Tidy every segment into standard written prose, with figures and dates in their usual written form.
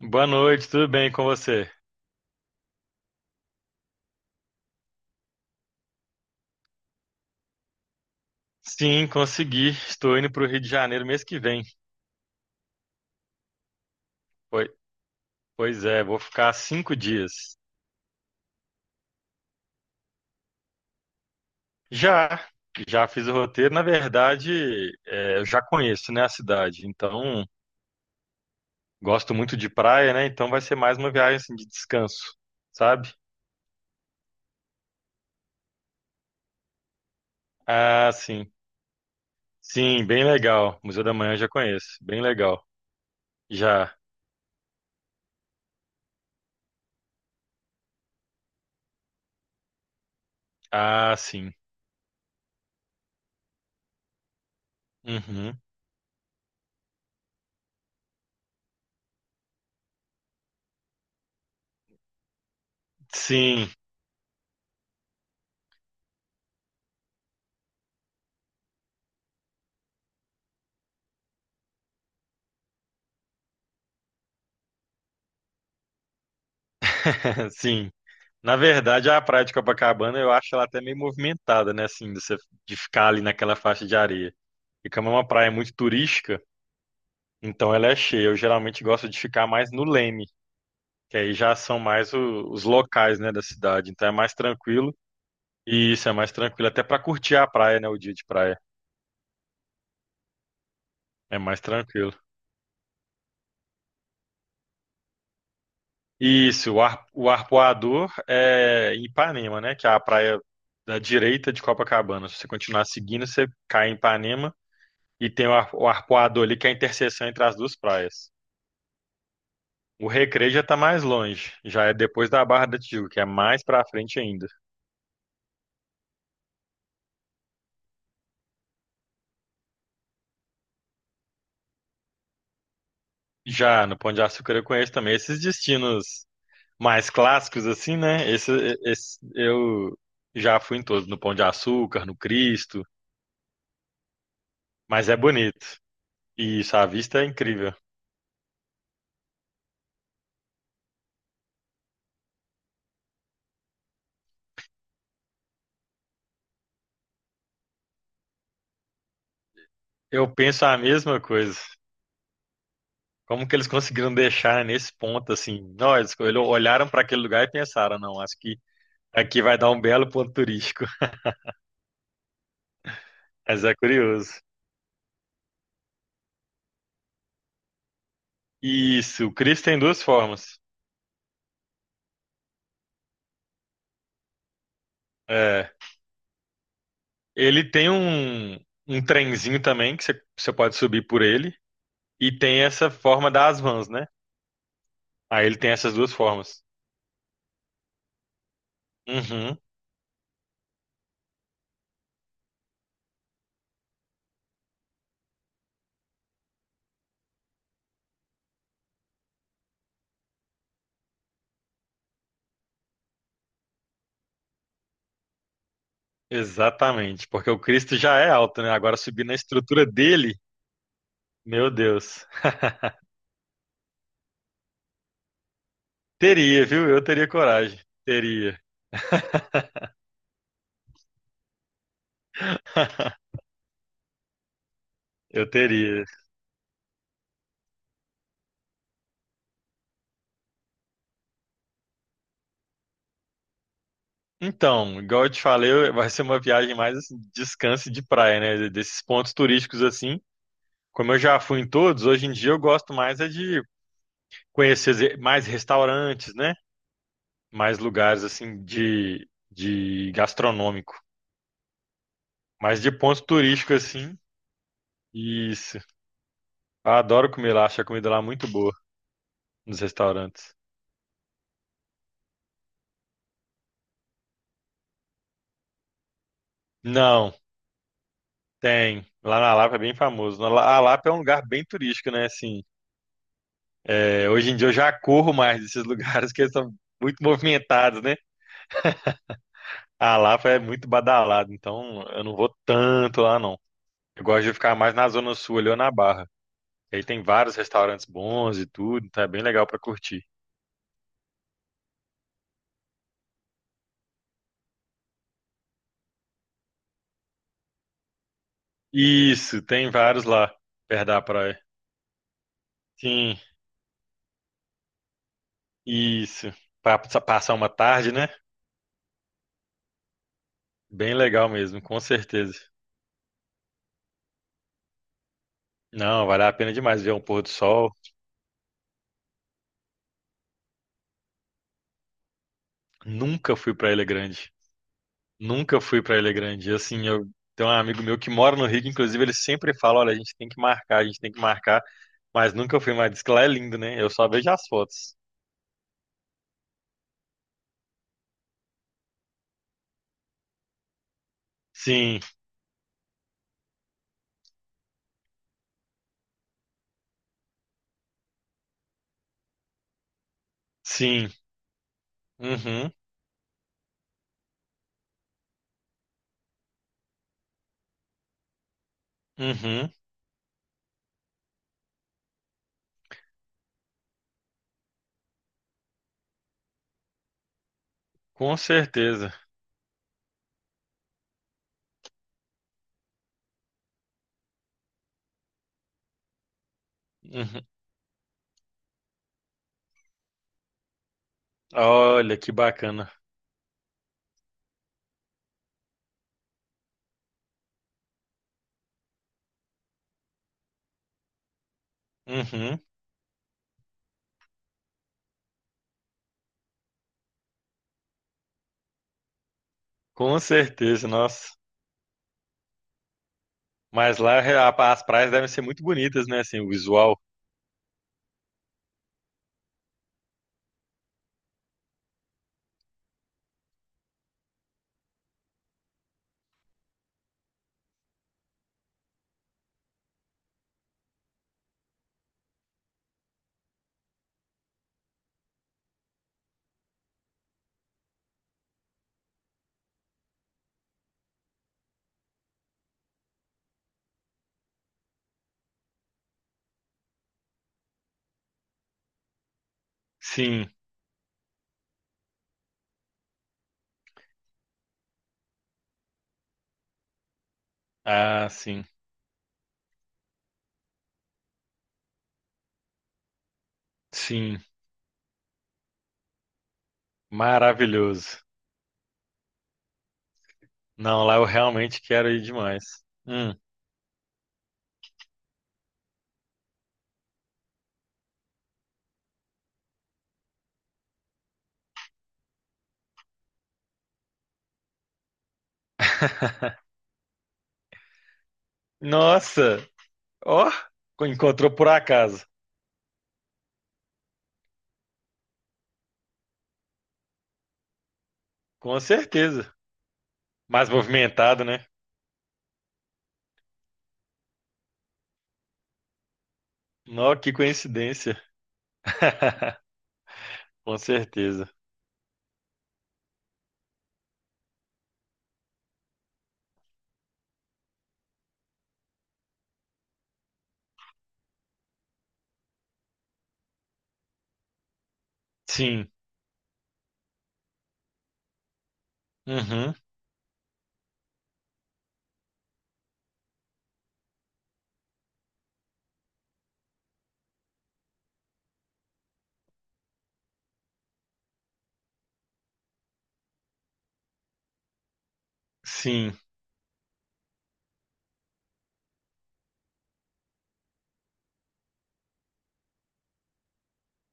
Boa noite, tudo bem com você? Sim, consegui. Estou indo para o Rio de Janeiro mês que vem. Poi- Pois é, vou ficar 5 dias. Já, já fiz o roteiro. Na verdade, eu já conheço, né, a cidade. Então, gosto muito de praia, né? Então, vai ser mais uma viagem assim, de descanso, sabe? Ah, sim. Sim, bem legal. Museu da Manhã eu já conheço. Bem legal. Já. Ah, sim. Uhum. Sim, sim. Na verdade, a praia de Copacabana eu acho ela até meio movimentada, né? Assim, de ficar ali naquela faixa de areia. E como é uma praia muito turística, então ela é cheia. Eu geralmente gosto de ficar mais no Leme, que aí já são mais os locais, né, da cidade. Então é mais tranquilo. E isso é mais tranquilo até para curtir a praia, né? O dia de praia é mais tranquilo. Isso, o Arpoador é em Ipanema, né? Que é a praia da direita de Copacabana. Se você continuar seguindo, você cai em Ipanema. E tem o Arpoador ali, que é a interseção entre as duas praias. O Recreio já tá mais longe, já é depois da Barra da Tijuca, que é mais pra frente ainda. Já no Pão de Açúcar eu conheço também esses destinos mais clássicos assim, né? Eu já fui em todos, no Pão de Açúcar, no Cristo, mas é bonito. E isso, a vista é incrível. Eu penso a mesma coisa. Como que eles conseguiram deixar nesse ponto assim? Nós olharam para aquele lugar e pensaram, não, acho que aqui vai dar um belo ponto turístico. Mas é curioso. Isso, o Chris tem duas formas. É, ele tem um trenzinho também que você pode subir por ele. E tem essa forma das vans, né? Aí ele tem essas duas formas. Uhum, exatamente. Porque o Cristo já é alto, né? Agora subir na estrutura dele, meu Deus. Teria, viu? Eu teria coragem. Teria. Eu teria. Então, igual eu te falei, vai ser uma viagem mais assim, de descanso e de praia, né? Desses pontos turísticos assim. Como eu já fui em todos, hoje em dia eu gosto mais é de conhecer mais restaurantes, né? Mais lugares assim de gastronômico, mas de pontos turísticos assim. Isso. Eu adoro comer lá, acho a comida lá muito boa nos restaurantes. Não, tem. Lá na Lapa é bem famoso. A Lapa é um lugar bem turístico, né? Assim, hoje em dia eu já corro mais desses lugares que eles são muito movimentados, né? A Lapa é muito badalado, então eu não vou tanto lá não. Eu gosto de ficar mais na Zona Sul ali ou na Barra. Aí tem vários restaurantes bons e tudo, então é bem legal pra curtir. Isso, tem vários lá, perto da praia. Sim, isso. Pra passar uma tarde, né? Bem legal mesmo, com certeza. Não, vale a pena demais ver um pôr do sol. Nunca fui pra Ilha Grande. Nunca fui pra Ilha Grande. E, assim, eu tenho um amigo meu que mora no Rio, que, inclusive ele sempre fala, olha, a gente tem que marcar, a gente tem que marcar, mas nunca fui mais. Diz que lá é lindo, né? Eu só vejo as fotos. Sim, sim. Uhum, uhum, com certeza. Uhum. Olha que bacana. Uhum, com certeza, nossa. Mas lá as praias devem ser muito bonitas, né? Assim, o visual. Sim, ah, sim, sim, maravilhoso. Não, lá eu realmente quero ir demais. Hum. Nossa, ó, encontrou por acaso, com certeza. Mais movimentado, né? Nó, que coincidência. Com certeza. Sim, uhum, sim.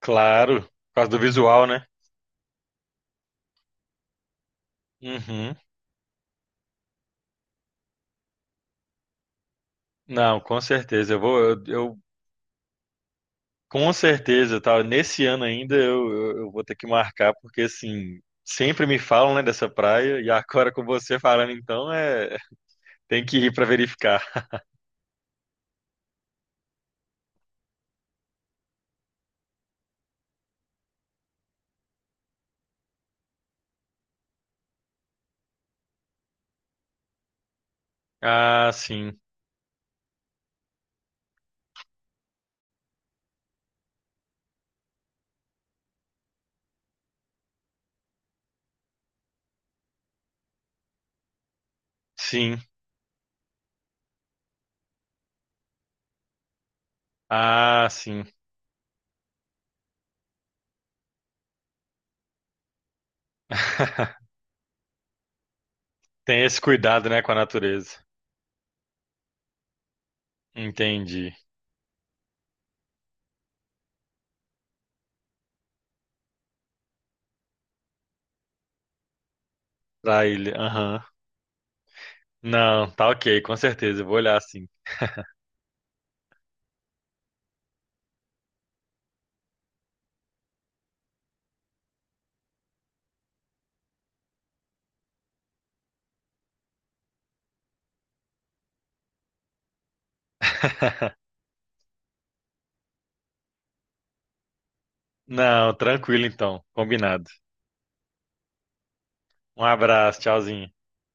Claro, por causa do visual, né? Uhum. Não, com certeza. Eu vou, eu, com certeza, tá? Nesse ano ainda eu vou ter que marcar, porque assim, sempre me falam, né, dessa praia, e agora com você falando, então, tem que ir para verificar. Ah, sim, sim, ah, sim. Tem esse cuidado, né, com a natureza. Entendi. Pra ilha, aham. Não, tá ok, com certeza, eu vou olhar sim. Não, tranquilo então, combinado. Um abraço, tchauzinho.